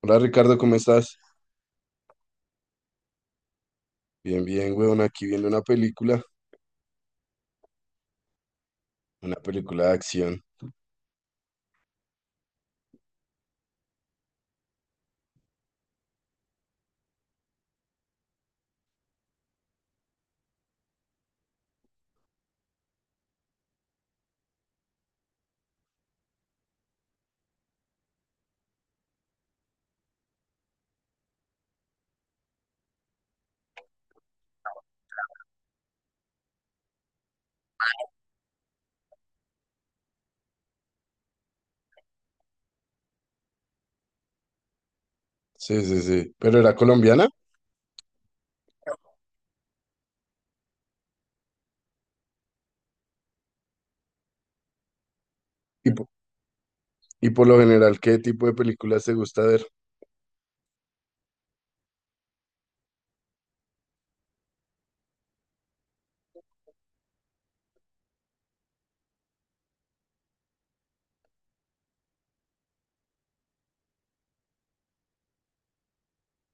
Hola Ricardo, ¿cómo estás? Bien, bien, weón, aquí viendo una película de acción. Sí, sí, sí. ¿Pero era colombiana? Y, po- y por lo general, ¿qué tipo de películas te gusta ver?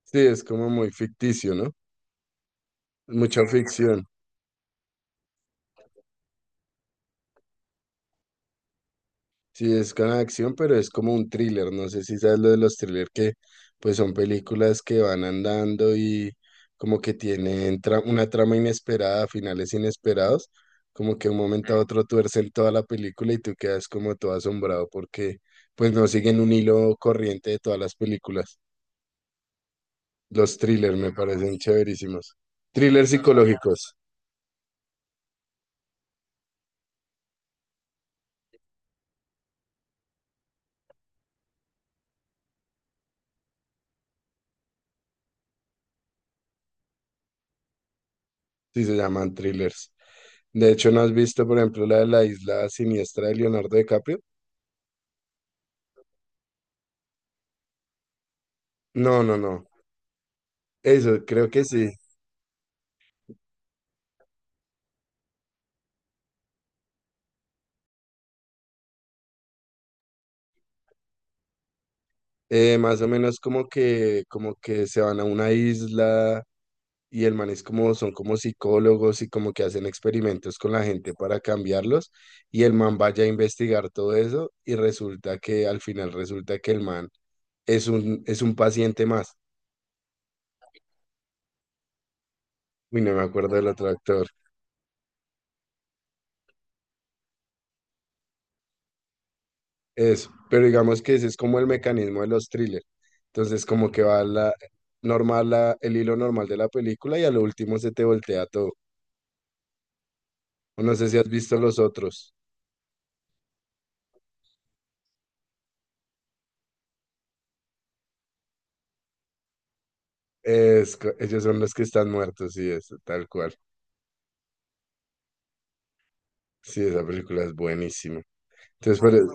Sí, es como muy ficticio, ¿no? Mucha ficción. Sí, es con acción, pero es como un thriller. No sé si sabes lo de los thrillers que pues son películas que van andando y como que tienen una trama inesperada, finales inesperados, como que de un momento a otro tuercen toda la película y tú quedas como todo asombrado porque pues no siguen un hilo corriente de todas las películas. Los thrillers me parecen chéverísimos. Thrillers psicológicos, sí se llaman thrillers. De hecho, ¿no has visto, por ejemplo, la de la isla siniestra de Leonardo DiCaprio? No, no, no. Eso, creo que sí. Más o menos como que se van a una isla y el man es como, son como psicólogos y como que hacen experimentos con la gente para cambiarlos y el man vaya a investigar todo eso y resulta que al final resulta que el man es un paciente más. Uy, no me acuerdo del otro actor. Eso, pero digamos que ese es como el mecanismo de los thrillers. Entonces como que va la normal, la, el hilo normal de la película y a lo último se te voltea todo. O no sé si has visto los otros. Ellos son los que están muertos, sí, es tal cual. Sí, esa película es buenísima. Entonces, pero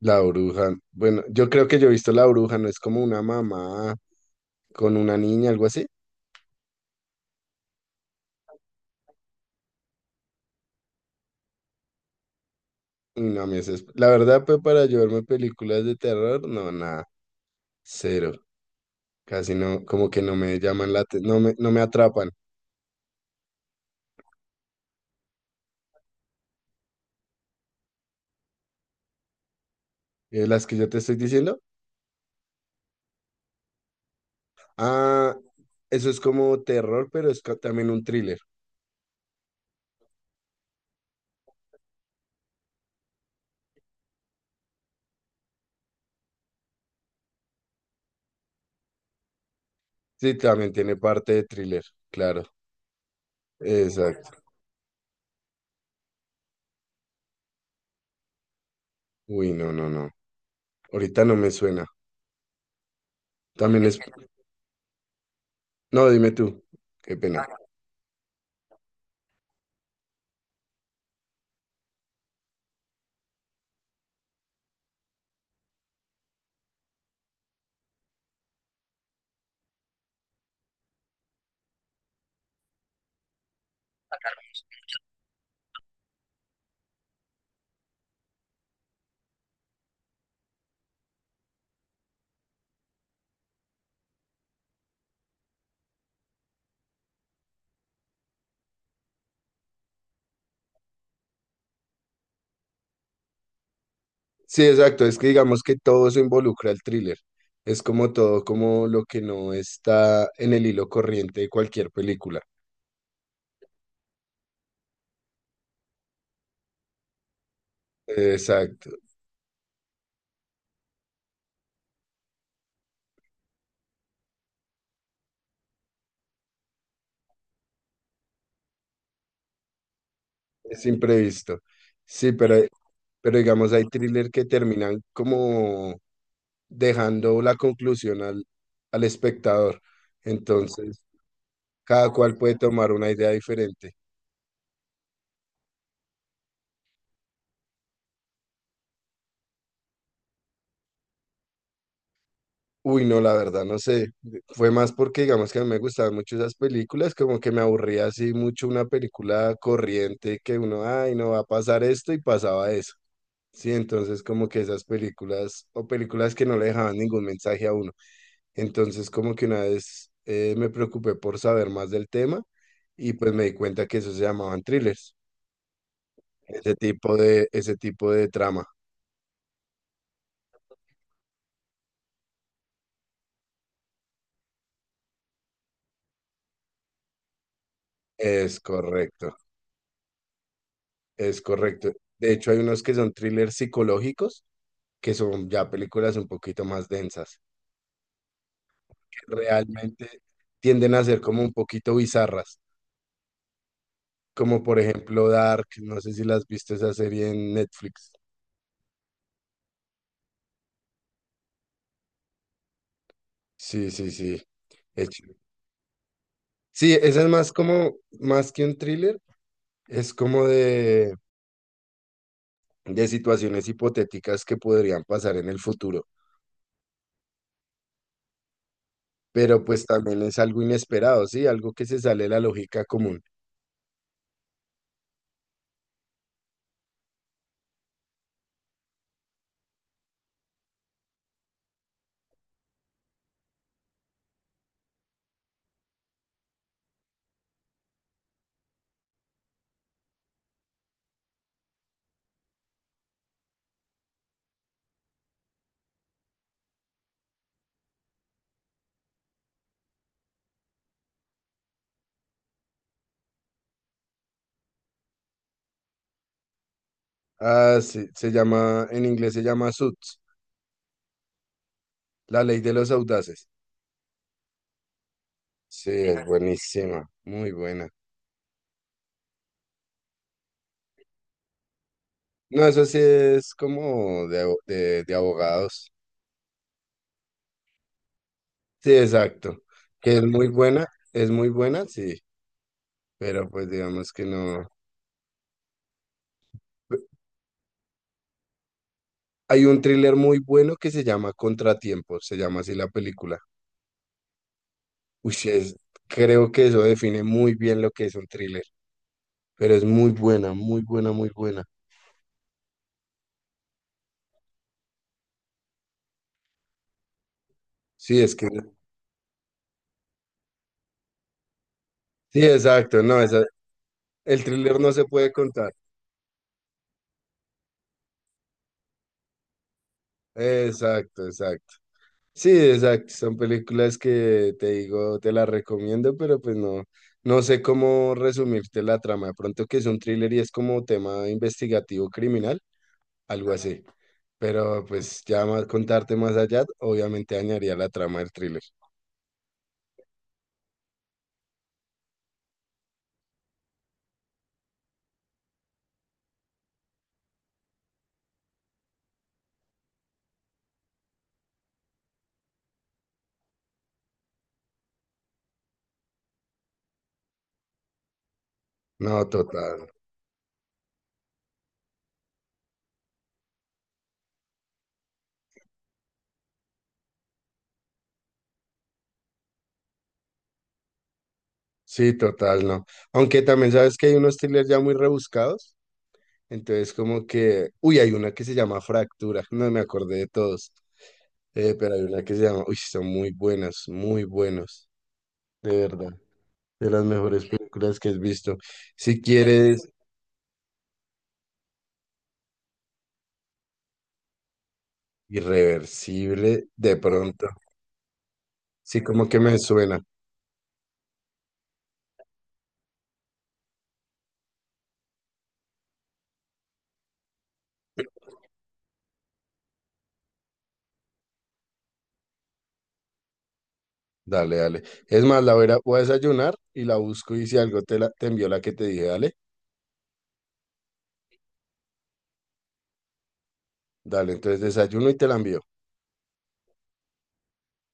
la bruja, bueno, yo creo que yo he visto la bruja, no es como una mamá con una niña, algo así. Uy, no, a mí la verdad, pues para yo verme películas de terror, no, nada, cero. Casi no, como que no me llaman la atención, no me, no me atrapan. Las que yo te estoy diciendo, ah, eso es como terror, pero es también un thriller. Sí, también tiene parte de thriller, claro. Exacto. Uy, no, no, no. Ahorita no me suena. También es... No, dime tú. Qué pena. Sí, exacto. Es que digamos que todo eso involucra el thriller. Es como todo, como lo que no está en el hilo corriente de cualquier película. Exacto. Es imprevisto. Sí, pero digamos hay thriller que terminan como dejando la conclusión al, al espectador. Entonces, cada cual puede tomar una idea diferente. Uy, no, la verdad, no sé. Fue más porque, digamos, que a mí me gustaban mucho esas películas, como que me aburría así mucho una película corriente que uno, ay, no va a pasar esto y pasaba eso. Sí, entonces como que esas películas o películas que no le dejaban ningún mensaje a uno. Entonces como que una vez me preocupé por saber más del tema y pues me di cuenta que eso se llamaban thrillers, ese tipo de trama. Es correcto, es correcto. De hecho, hay unos que son thrillers psicológicos que son ya películas un poquito más densas, que realmente tienden a ser como un poquito bizarras, como por ejemplo Dark, no sé si las viste esa serie en Netflix. Sí, sí, sí. es ch- Sí, esa es más como, más que un thriller, es como de situaciones hipotéticas que podrían pasar en el futuro, pero pues también es algo inesperado, ¿sí? Algo que se sale de la lógica común. Ah, sí, se llama, en inglés se llama Suits, la ley de los audaces. Sí, es buenísima, muy buena. No, eso sí es como de, de abogados. Sí, exacto. Que es muy buena, sí, pero pues digamos que no. Hay un thriller muy bueno que se llama Contratiempo, se llama así la película. Uy, sí, es, creo que eso define muy bien lo que es un thriller, pero es muy buena, muy buena, muy buena. Sí, es que, sí, exacto, el thriller no se puede contar. Exacto, exacto. Sí, exacto. Son películas que te digo, te las recomiendo, pero pues no, no sé cómo resumirte la trama. De pronto que es un thriller y es como tema investigativo criminal, algo así. Pero pues ya más contarte más allá, obviamente dañaría la trama del thriller. No, total. Sí, total, no. Aunque también sabes que hay unos thrillers ya muy rebuscados. Entonces, como que, uy, hay una que se llama Fractura, no me acordé de todos, pero hay una que se llama, uy, son muy buenas, muy buenos, de verdad, de las mejores películas que has visto. Si quieres, Irreversible, de pronto, sí, como que me suena, dale, dale. Es más, la voy voy a desayunar y la busco y si algo te, la, te envió la que te dije, dale, dale, entonces desayuno y te la envío.